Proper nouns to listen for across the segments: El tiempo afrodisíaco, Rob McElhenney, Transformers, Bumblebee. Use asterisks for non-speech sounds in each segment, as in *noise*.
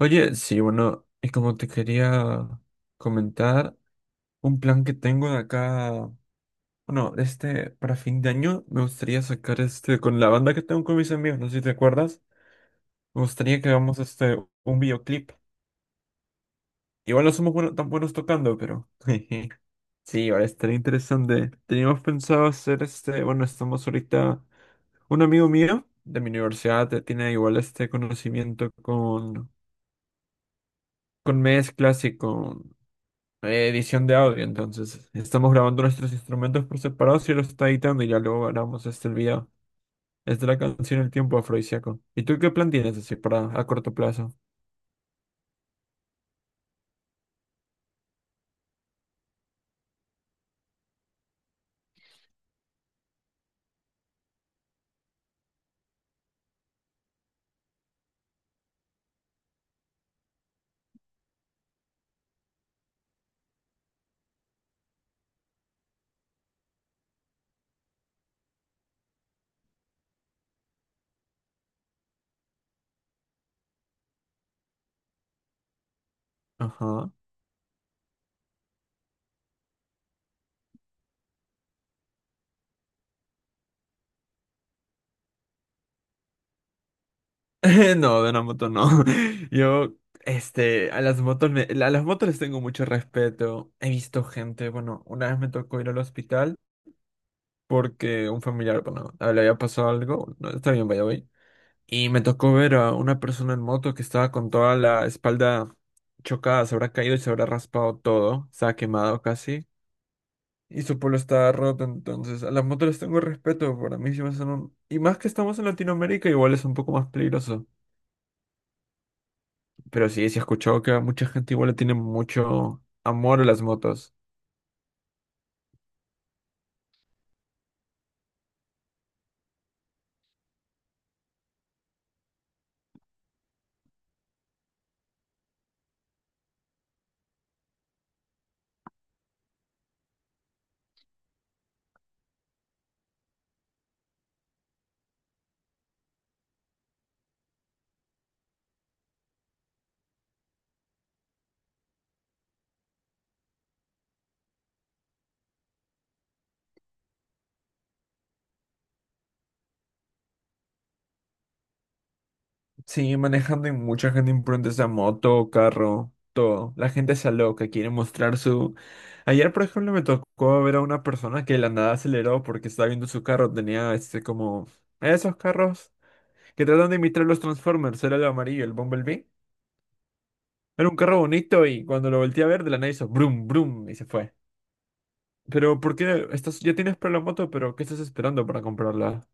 Oye, sí, bueno, y como te quería comentar, un plan que tengo de acá, bueno, para fin de año, me gustaría sacar con la banda que tengo con mis amigos, no sé si te acuerdas, me gustaría que hagamos un videoclip. Igual no somos tan buenos tocando, pero *laughs* sí, ahora estaría interesante. Teníamos pensado hacer bueno, estamos ahorita, un amigo mío de mi universidad tiene igual este conocimiento con mezclas y con edición de audio. Entonces, estamos grabando nuestros instrumentos por separado y los está editando y ya luego grabamos este el video. Es de la canción El tiempo afrodisíaco. ¿Y tú qué plan tienes así para a corto plazo? Ajá. *laughs* No, de una moto no. *laughs* Yo, este, a las a las motos les tengo mucho respeto. He visto gente, bueno, una vez me tocó ir al hospital porque un familiar, bueno, le había pasado algo. No, está bien, vaya, y me tocó ver a una persona en moto que estaba con toda la espalda chocada, se habrá caído y se habrá raspado todo, estaba quemado casi. Y su polo estaba roto, entonces a las motos les tengo respeto, para mí sí me son un... Y más que estamos en Latinoamérica, igual es un poco más peligroso. Pero sí, sí he escuchado que a mucha gente igual le tiene mucho amor a las motos. Sí, manejando y mucha gente imprudente esa moto, carro, todo. La gente se loca, quiere mostrar su... Ayer, por ejemplo, me tocó ver a una persona que de la nada aceleró porque estaba viendo su carro. Tenía este como... Esos carros que tratan de imitar los Transformers. Era el amarillo, el Bumblebee. Era un carro bonito y cuando lo volteé a ver, de la nada hizo brum, brum y se fue. Pero, ¿por qué estás... ya tienes para la moto, pero ¿qué estás esperando para comprarla?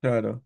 Claro.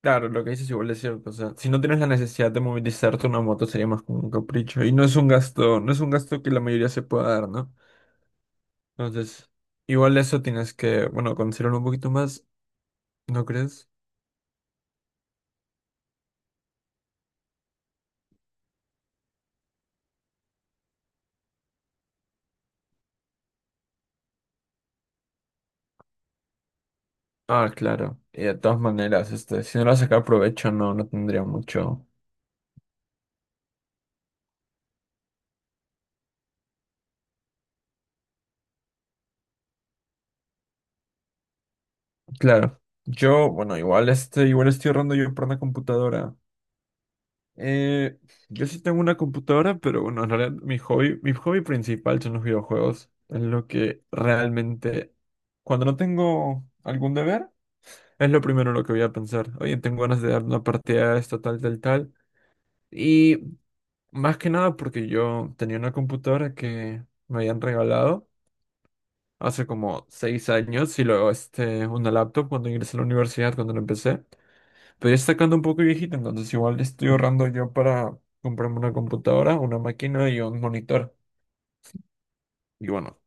Claro, lo que dices igual es cierto. O sea, si no tienes la necesidad de movilizarte una moto sería más como un capricho. Y no es un gasto, no es un gasto que la mayoría se pueda dar, ¿no? Entonces, igual eso tienes que, bueno, considerarlo un poquito más, ¿no crees? Ah, claro. Y de todas maneras, este, si no lo sacar provecho, no, no tendría mucho. Claro. Yo, bueno, igual este, igual estoy ahorrando yo por una computadora. Eh, yo sí tengo una computadora, pero bueno, en realidad mi hobby principal son los videojuegos. Es lo que realmente cuando no tengo algún deber, es lo primero en lo que voy a pensar. Oye, tengo ganas de dar una partida a esto, tal, tal, tal. Y más que nada porque yo tenía una computadora que me habían regalado hace como 6 años y luego este, una laptop cuando ingresé a la universidad, cuando la empecé. Pero ya está quedando un poco viejita, entonces igual estoy ahorrando yo para comprarme una computadora, una máquina y un monitor. Y bueno,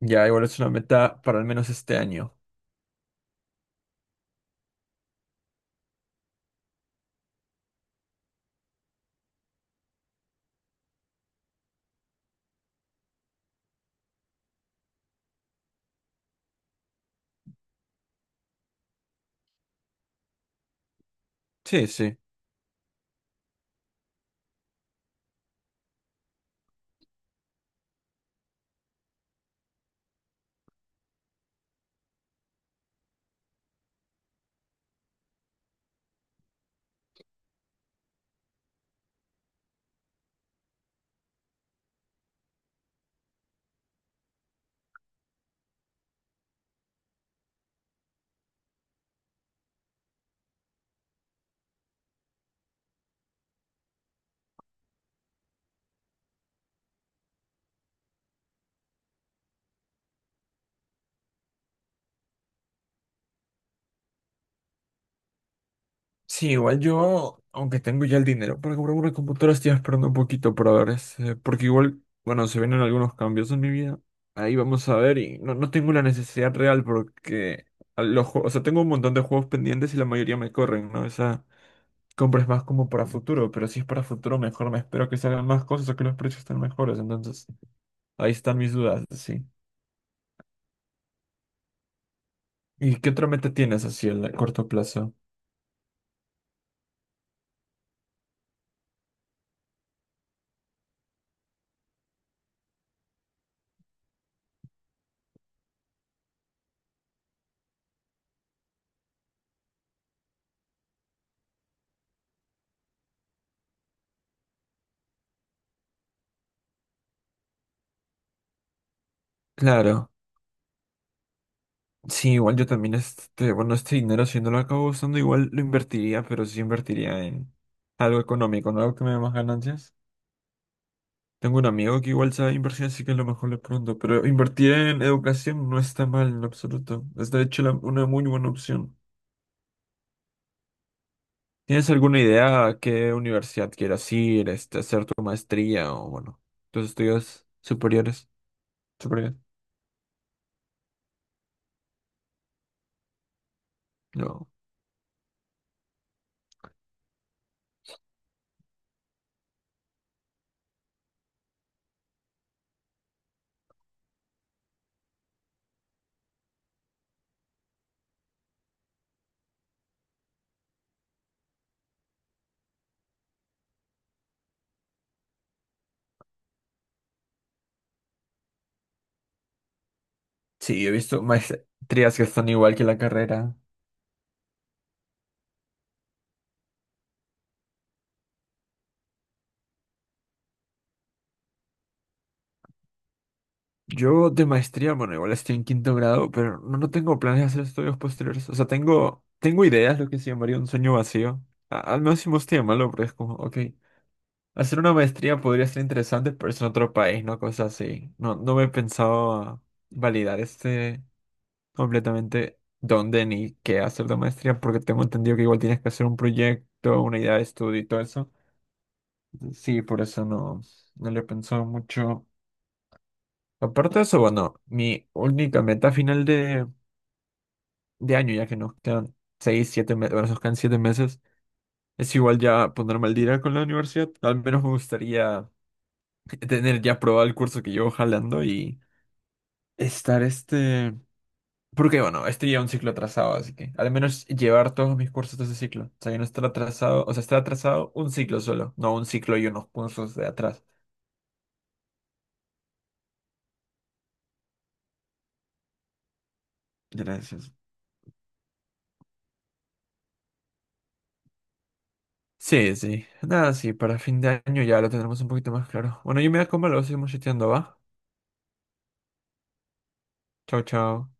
ya igual es una meta para al menos este año. Sí, sí. Sí, igual yo, aunque tengo ya el dinero para comprar una computadora, estoy esperando un poquito para ver ese, porque igual, bueno, se vienen algunos cambios en mi vida. Ahí vamos a ver y no, no tengo la necesidad real porque a los juegos, o sea, tengo un montón de juegos pendientes y la mayoría me corren, ¿no? Esa compra es más como para futuro, pero si es para futuro mejor me espero que salgan más cosas o que los precios estén mejores, entonces ahí están mis dudas, sí. ¿Y qué otra meta tienes así a corto plazo? Claro. Sí, igual yo también este, bueno, este dinero si no lo acabo usando, igual lo invertiría, pero sí invertiría en algo económico, no algo que me dé más ganancias. Tengo un amigo que igual sabe inversión, así que a lo mejor le pronto, pero invertir en educación no está mal en lo absoluto. Es de hecho una muy buena opción. ¿Tienes alguna idea a qué universidad quieras ir, este, hacer tu maestría o bueno, tus estudios superiores? Superiores. No. Sí, he visto maestrías que están igual que la carrera. Yo de maestría, bueno, igual estoy en quinto grado, pero no, no tengo planes de hacer estudios posteriores. O sea, tengo ideas, lo que se llamaría un sueño vacío. Al menos si me gusta llamarlo, pero es como, ok, hacer una maestría podría ser interesante, pero es en otro país, ¿no? Cosas así. No, no me he pensado validar este completamente dónde ni qué hacer de maestría, porque tengo entendido que igual tienes que hacer un proyecto, una idea de estudio y todo eso. Sí, por eso no, no le he pensado mucho. Aparte de eso, bueno, mi única meta final de año, ya que nos quedan seis, siete meses, bueno, nos quedan siete meses, es igual ya ponerme al día con la universidad. Al menos me gustaría *laughs* tener ya aprobado el curso que llevo jalando y estar este... Porque bueno, este lleva un ciclo atrasado, así que al menos llevar todos mis cursos de ese ciclo. O sea, ya no estar atrasado, o sea, estar atrasado un ciclo solo, no un ciclo y unos cursos de atrás. Gracias. Sí, sí. Nada, sí, para fin de año ya lo tendremos un poquito más claro. Bueno, yo me voy a comer, luego seguimos chateando, ¿va? Chao, chao.